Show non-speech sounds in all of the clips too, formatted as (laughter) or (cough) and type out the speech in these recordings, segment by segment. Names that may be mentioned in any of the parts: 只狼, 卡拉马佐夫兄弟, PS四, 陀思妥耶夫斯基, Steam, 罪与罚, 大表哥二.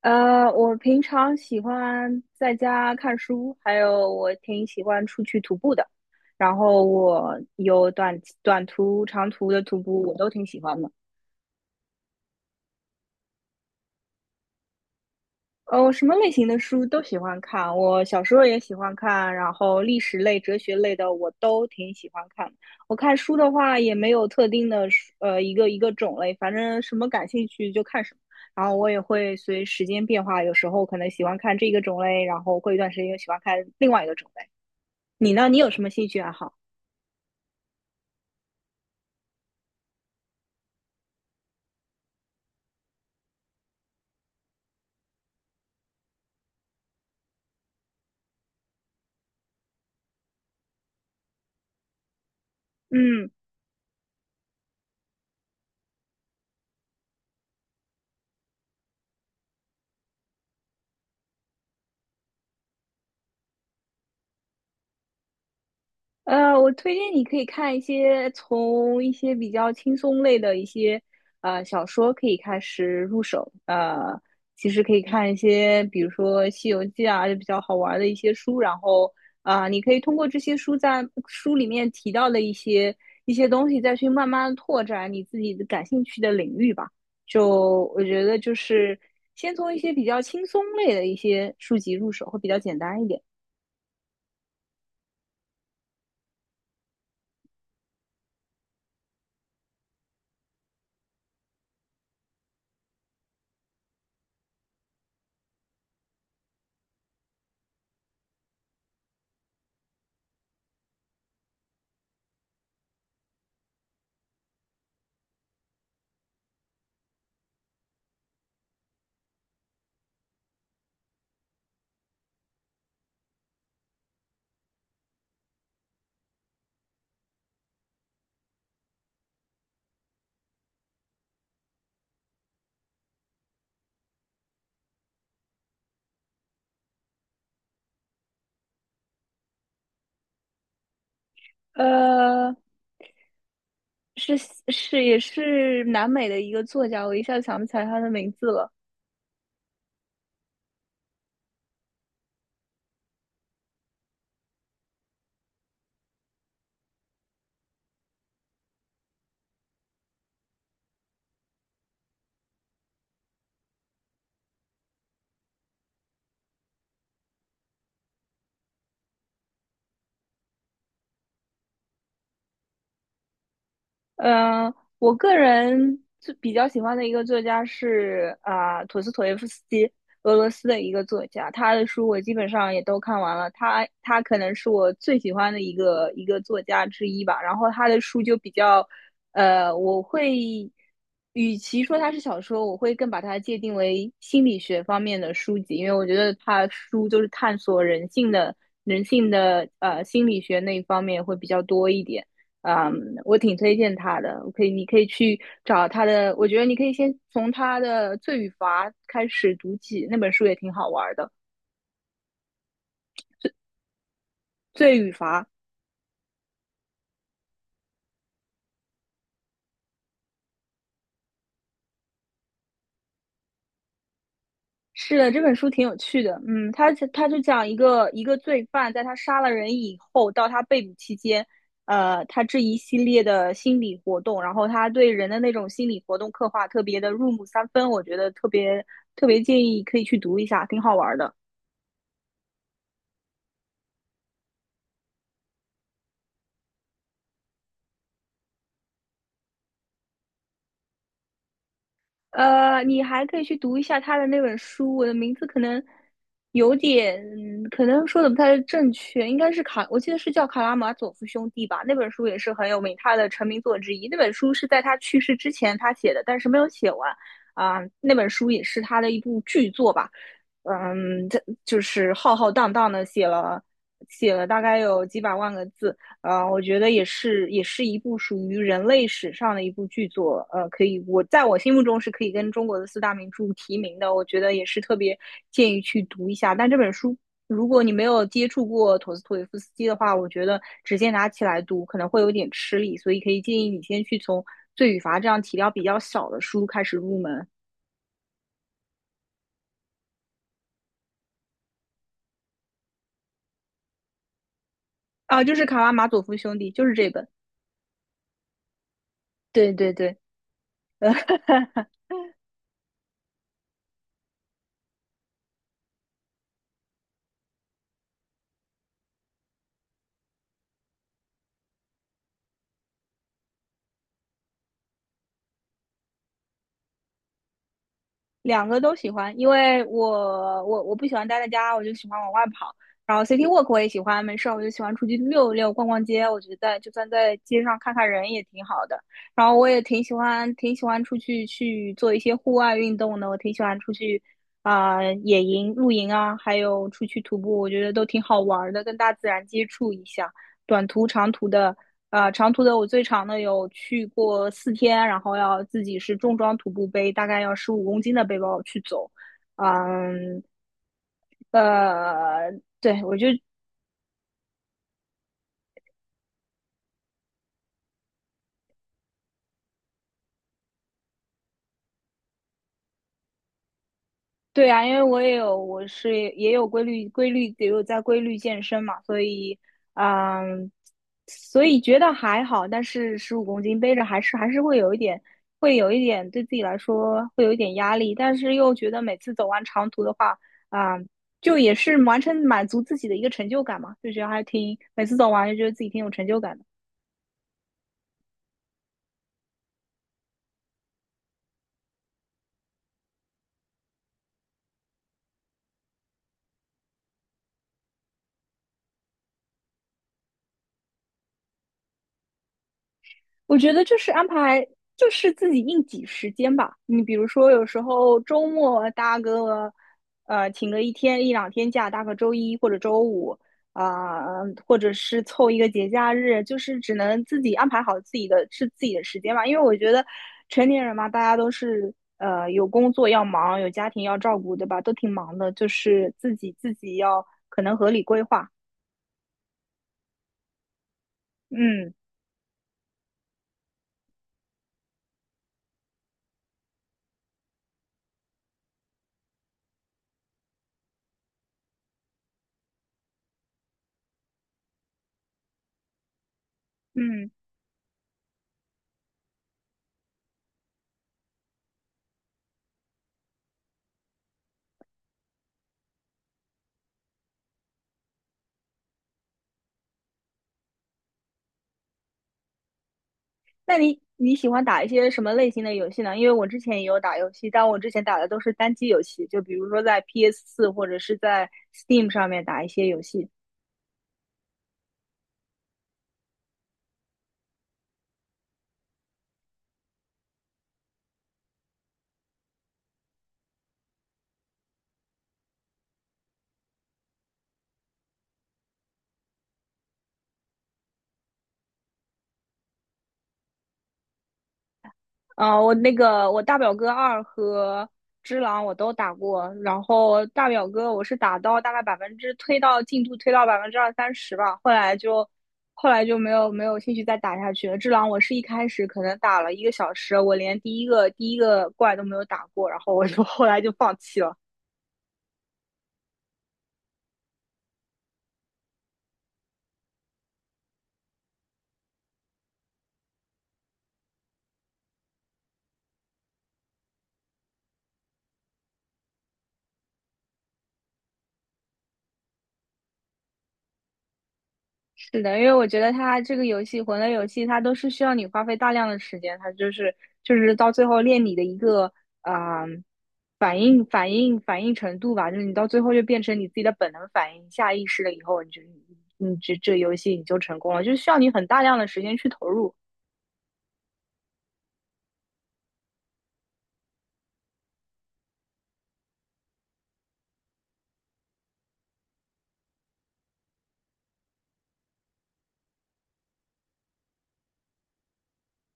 我平常喜欢在家看书，还有我挺喜欢出去徒步的。然后我有短途、长途的徒步，我都挺喜欢的。我什么类型的书都喜欢看，我小时候也喜欢看，然后历史类、哲学类的我都挺喜欢看。我看书的话也没有特定的书一个种类，反正什么感兴趣就看什么。然后我也会随时间变化，有时候可能喜欢看这个种类，然后过一段时间又喜欢看另外一个种类。你呢？你有什么兴趣爱好？嗯，我推荐你可以看一些从一些比较轻松类的一些小说可以开始入手。其实可以看一些，比如说《西游记》啊，就比较好玩的一些书。然后你可以通过这些书在书里面提到的一些东西，再去慢慢拓展你自己的感兴趣的领域吧。就我觉得就是先从一些比较轻松类的一些书籍入手，会比较简单一点。呃，是是也是南美的一个作家，我一下想不起来他的名字了。嗯，我个人最比较喜欢的一个作家是啊，陀思妥耶夫斯基，俄罗斯的一个作家，他的书我基本上也都看完了。他可能是我最喜欢的一个作家之一吧。然后他的书就比较，我会与其说它是小说，我会更把它界定为心理学方面的书籍，因为我觉得他书就是探索人性的心理学那一方面会比较多一点。我挺推荐他的，我可以，你可以去找他的。我觉得你可以先从他的《罪与罚》开始读起，那本书也挺好玩儿的，《罪与罚》是的，这本书挺有趣的。嗯，他就讲一个罪犯，在他杀了人以后，到他被捕期间，他这一系列的心理活动，然后他对人的那种心理活动刻画特别的入木三分，我觉得特别特别建议可以去读一下，挺好玩儿的。你还可以去读一下他的那本书，我的名字可能有点，可能说的不太正确，应该是卡，我记得是叫《卡拉马佐夫兄弟》吧。那本书也是很有名，他的成名作之一。那本书是在他去世之前他写的，但是没有写完那本书也是他的一部巨作吧。他就是浩浩荡荡的写了大概有几百万个字，我觉得也是，也是一部属于人类史上的一部巨作。可以，我在我心目中是可以跟中国的四大名著提名的。我觉得也是特别建议去读一下。但这本书，如果你没有接触过陀思妥耶夫斯基的话，我觉得直接拿起来读可能会有点吃力，所以可以建议你先去从《罪与罚》这样体量比较小的书开始入门。就是《卡拉马佐夫兄弟》，就是这本。对对对，呃，(laughs) 两个都喜欢，因为我不喜欢待在家，我就喜欢往外跑。然后 city walk 我也喜欢，没事我就喜欢出去溜一溜、逛逛街。我觉得就算在街上看看人也挺好的。然后我也挺喜欢，挺喜欢出去去做一些户外运动的。我挺喜欢出去野营、露营啊，还有出去徒步，我觉得都挺好玩的，跟大自然接触一下。短途、长途的。长途的我最长的有去过4天，然后要自己是重装徒步背，大概要十五公斤的背包去走。嗯，呃，对，对啊，因为我也有，我是也有规律，规律也有在规律健身嘛，所以，嗯，所以觉得还好，但是十五公斤背着还是会有一点，会有一点对自己来说会有一点压力，但是又觉得每次走完长途的话，啊、就也是完成满足自己的一个成就感嘛，就觉得还挺，每次走完就觉得自己挺有成就感的。我觉得就是安排，就是自己硬挤时间吧。你比如说，有时候周末啊搭个，请个一天一两天假，搭个周一或者周五，啊、或者是凑一个节假日，就是只能自己安排好自己的是自己的时间吧。因为我觉得成年人嘛，大家都是有工作要忙，有家庭要照顾，对吧？都挺忙的，就是自己要可能合理规划。嗯嗯。那你喜欢打一些什么类型的游戏呢？因为我之前也有打游戏，但我之前打的都是单机游戏，就比如说在 PS4或者是在 Steam 上面打一些游戏。我那个我大表哥二和只狼我都打过，然后大表哥我是打到大概百分之推到进度推到20%-30%吧，后来就没有兴趣再打下去了。只狼我是一开始可能打了1个小时，我连第一个怪都没有打过，然后我就 (laughs) 后来就放弃了。是的，因为我觉得它这个游戏魂类游戏，它都是需要你花费大量的时间，它就是到最后练你的一个啊、反应程度吧，就是你到最后就变成你自己的本能反应，下意识了以后，你这游戏你就成功了，就是需要你很大量的时间去投入。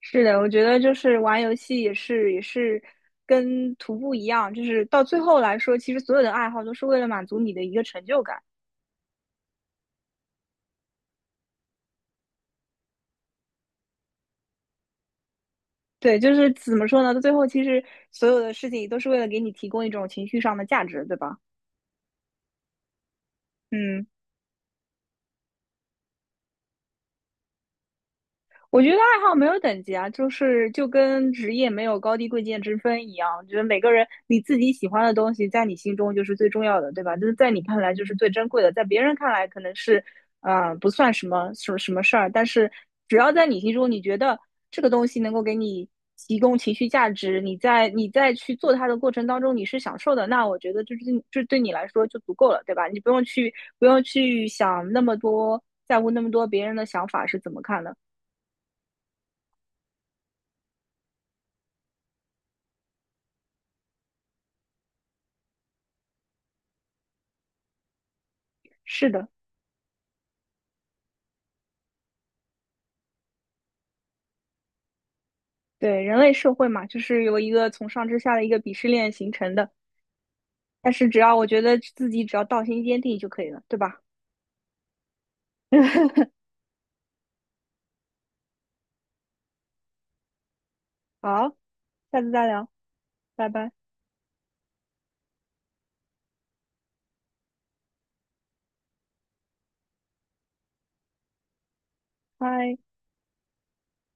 是的，我觉得就是玩游戏也是跟徒步一样，就是到最后来说，其实所有的爱好都是为了满足你的一个成就感。对，就是怎么说呢？到最后，其实所有的事情都是为了给你提供一种情绪上的价值，对吧？嗯。我觉得爱好没有等级啊，就是就跟职业没有高低贵贱之分一样。我觉得每个人你自己喜欢的东西，在你心中就是最重要的，对吧？就是在你看来就是最珍贵的，在别人看来可能是，不算什么什么什么事儿，但是只要在你心中，你觉得这个东西能够给你提供情绪价值，你在去做它的过程当中你是享受的，那我觉得这对就对你来说就足够了，对吧？你不用去不用去想那么多，在乎那么多别人的想法是怎么看的。是的。对，人类社会嘛，就是由一个从上至下的一个鄙视链形成的。但是只要我觉得自己只要道心坚定就可以了，对吧？(laughs) 好，下次再聊，拜拜，嗨。